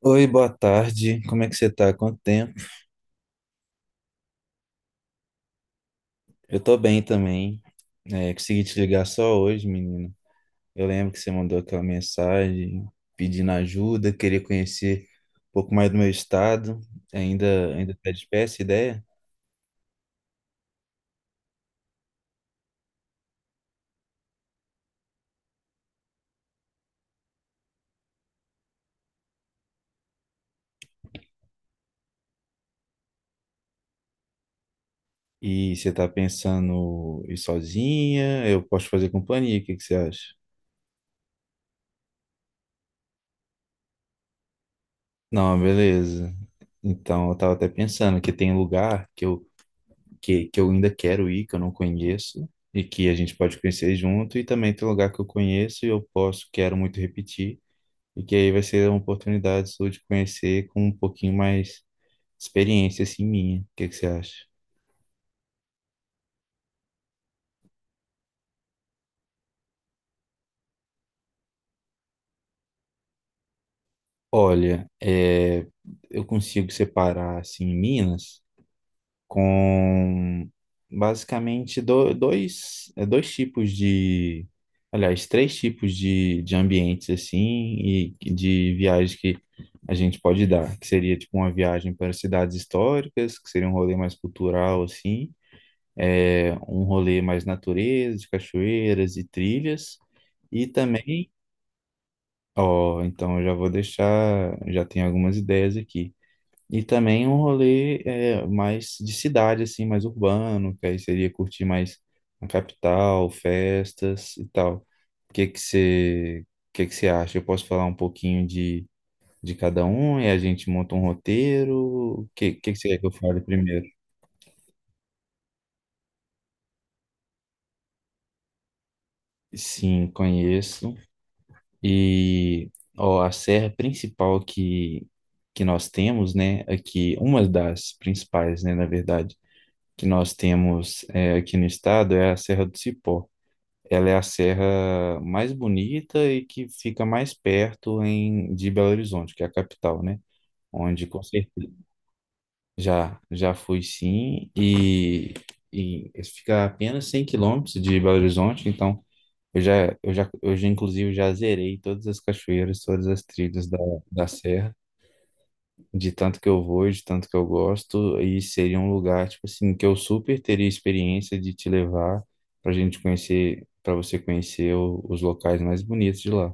Oi, boa tarde. Como é que você tá? Quanto tempo? Eu tô bem também. Consegui te ligar só hoje, menino. Eu lembro que você mandou aquela mensagem pedindo ajuda, queria conhecer um pouco mais do meu estado. Ainda tá de pé essa ideia? E você tá pensando em ir sozinha? Eu posso fazer companhia, o que que você acha? Não, beleza. Então, eu tava até pensando que tem lugar que eu ainda quero ir, que eu não conheço, e que a gente pode conhecer junto, e também tem lugar que eu conheço e eu posso, quero muito repetir, e que aí vai ser uma oportunidade sua de conhecer com um pouquinho mais experiência, assim, minha. O que que você acha? Olha, eu consigo separar, assim, Minas, com basicamente dois, dois tipos de, aliás, três tipos de ambientes assim e de viagens que a gente pode dar, que seria tipo uma viagem para cidades históricas, que seria um rolê mais cultural assim, um rolê mais natureza, de cachoeiras e trilhas, e também, ó, então eu já vou deixar, já tenho algumas ideias aqui. E também um rolê mais de cidade, assim, mais urbano, que aí seria curtir mais a capital, festas e tal. O que que você, o que que você acha? Eu posso falar um pouquinho de cada um e a gente monta um roteiro? Que que você quer que eu fale primeiro? Sim, conheço. E ó, a serra principal que nós temos, né, aqui, uma das principais, né, na verdade, que nós temos aqui no estado é a Serra do Cipó. Ela é a serra mais bonita e que fica mais perto em, de Belo Horizonte, que é a capital, né? Onde com certeza já fui sim, e fica a apenas 100 km de Belo Horizonte, então eu já inclusive já zerei todas as cachoeiras, todas as trilhas da, da serra de tanto que eu vou, de tanto que eu gosto, e seria um lugar, tipo assim, que eu super teria experiência de te levar pra gente conhecer, pra você conhecer os locais mais bonitos de lá.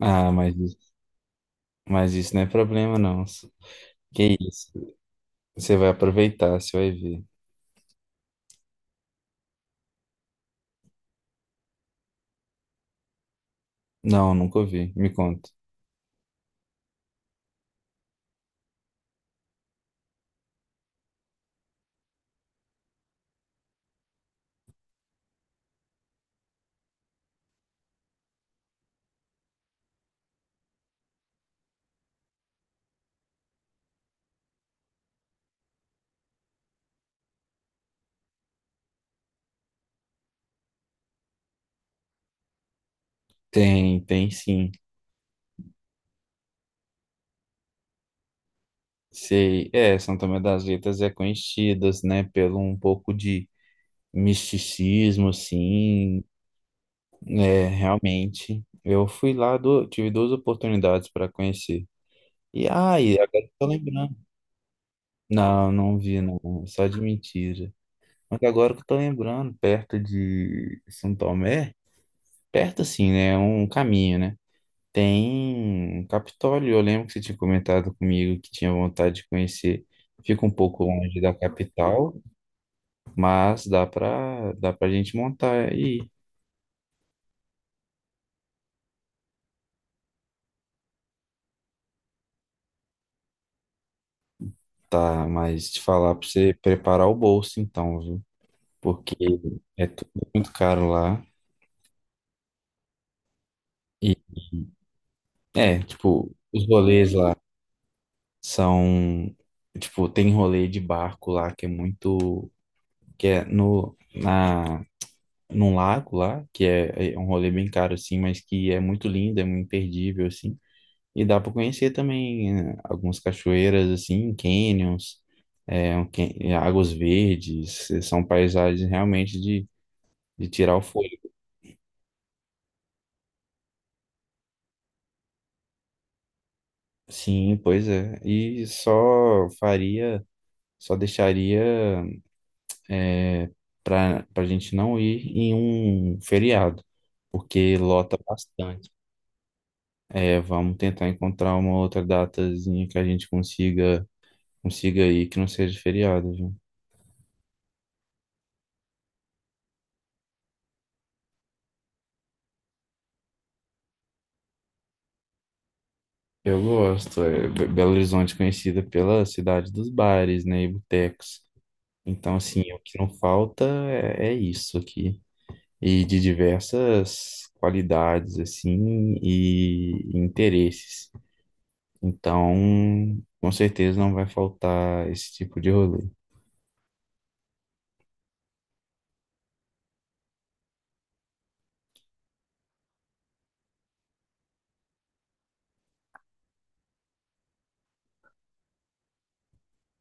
Ah, mas, isso- mas isso não é problema, não. Que isso? Você vai aproveitar, você vai ver. Não, nunca ouvi. Me conta. Tem, tem sim. Sei. É, São Tomé das Letras é conhecidas, né, pelo um pouco de misticismo, assim. É, realmente. Eu fui lá, do tive duas oportunidades para conhecer. E ai, agora que eu tô lembrando. Não, não vi, não. Só de mentira. Mas agora que eu tô lembrando, perto de São Tomé, perto assim, né? É um caminho, né? Tem um Capitólio. Eu lembro que você tinha comentado comigo que tinha vontade de conhecer. Fica um pouco longe da capital, mas dá pra gente montar e ir. Tá, mas te falar pra você preparar o bolso, então, viu? Porque é tudo muito caro lá. E é, tipo, os rolês lá são, tipo, tem rolê de barco lá que é muito, que é no na num lago lá, é um rolê bem caro assim, mas que é muito lindo, é muito imperdível assim. E dá para conhecer também, né, algumas cachoeiras assim, canyons, águas verdes, são paisagens realmente de tirar o fôlego. Sim, pois é. E só faria, só deixaria é, para a gente não ir em um feriado, porque lota bastante. É, vamos tentar encontrar uma outra datazinha que a gente consiga ir que não seja feriado, viu? Eu gosto. É, Belo Horizonte é conhecida pela cidade dos bares, né, e botecos. Então, assim, o que não falta é isso aqui. E de diversas qualidades, assim, e interesses. Então, com certeza não vai faltar esse tipo de rolê.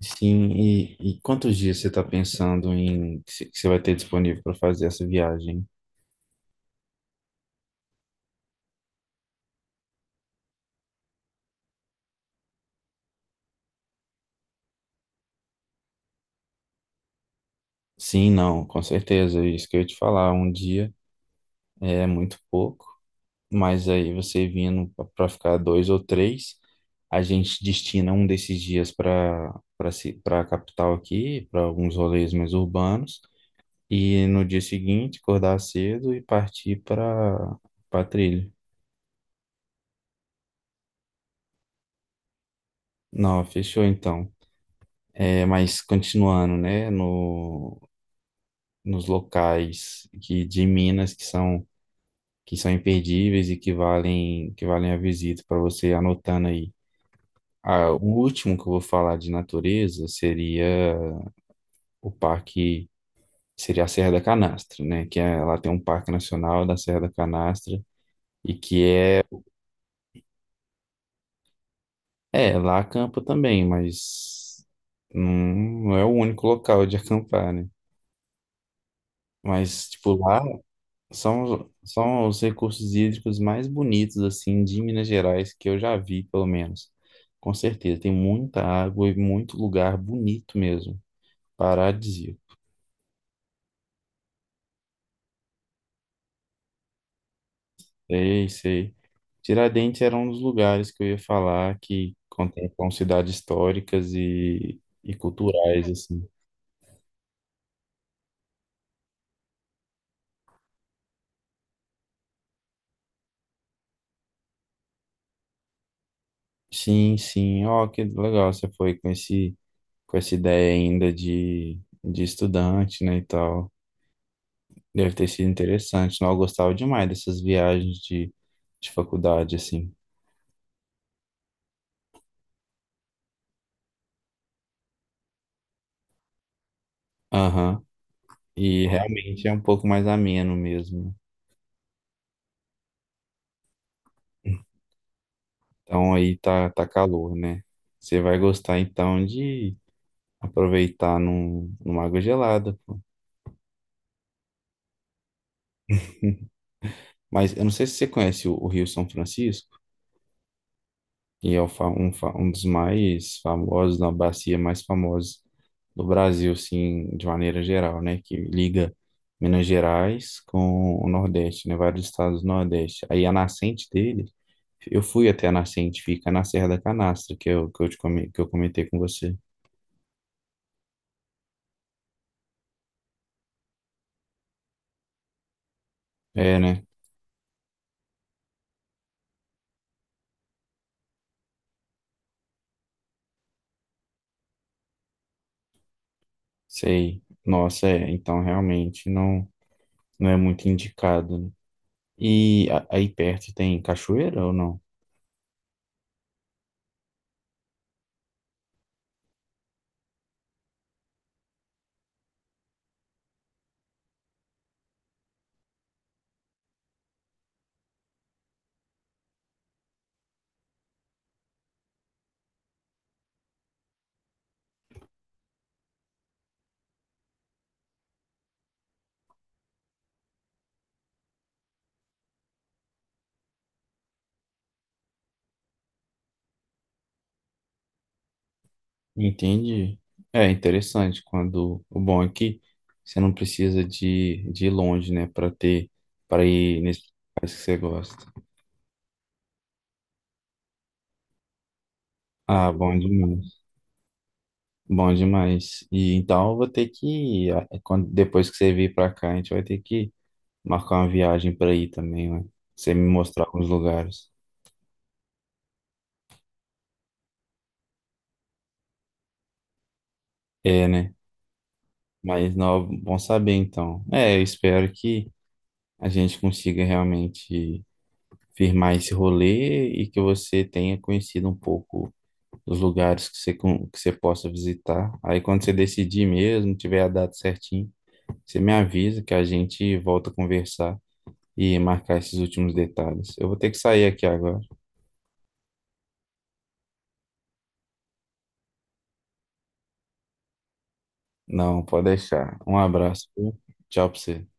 Sim, e quantos dias você está pensando em que você vai ter disponível para fazer essa viagem? Sim, não, com certeza. É isso que eu ia te falar, um dia é muito pouco, mas aí você vindo para ficar dois ou três, a gente destina um desses dias para para a capital aqui, para alguns rolês mais urbanos, e no dia seguinte acordar cedo e partir para trilha. Não, fechou então. É, mas continuando, né, no, nos locais de Minas que são imperdíveis e que valem a visita para você anotando aí. Ah, o último que eu vou falar de natureza seria o parque, seria a Serra da Canastra, né, lá tem um parque nacional da Serra da Canastra e é, lá acampa também, mas não é o único local de acampar, né? Mas, tipo, lá São, são os recursos hídricos mais bonitos, assim, de Minas Gerais, que eu já vi, pelo menos. Com certeza, tem muita água e muito lugar bonito mesmo. Paradisíaco. Sei, sei. Tiradentes era um dos lugares que eu ia falar que contemplam cidades históricas e culturais, assim. Sim, sim. Ó, que legal, você foi com com essa ideia ainda de estudante, né, e tal. Deve ter sido interessante. Não, eu gostava demais dessas viagens de faculdade, assim. Aham. E realmente é um pouco mais ameno mesmo. Então aí tá, tá calor, né? Você vai gostar então de aproveitar numa água gelada, pô. Mas eu não sei se você conhece o Rio São Francisco. Que é o fa- um dos mais famosos, na bacia mais famosa do Brasil, assim, de maneira geral, né? Que liga Minas Gerais com o Nordeste, né? Vários estados do Nordeste. Aí a nascente dele, eu fui até a nascente, fica na Serra da Canastra, que eu comentei com você. É, né? Sei. Nossa, é. Então, realmente, não é muito indicado, né? E aí perto tem cachoeira ou não? Entendi. É interessante quando o bom é que você não precisa de ir longe, né, para ter para ir nesses locais que você gosta. Ah, bom demais. Bom demais. E então eu vou ter que, ah, é quando depois que você vir para cá, a gente vai ter que marcar uma viagem para ir também, né? Você me mostrar alguns lugares. É, né? Mas não, bom saber então. É, eu espero que a gente consiga realmente firmar esse rolê e que você tenha conhecido um pouco os lugares que que você possa visitar. Aí quando você decidir mesmo, tiver a data certinho, você me avisa que a gente volta a conversar e marcar esses últimos detalhes. Eu vou ter que sair aqui agora. Não, pode deixar. Um abraço, viu? Tchau pra você.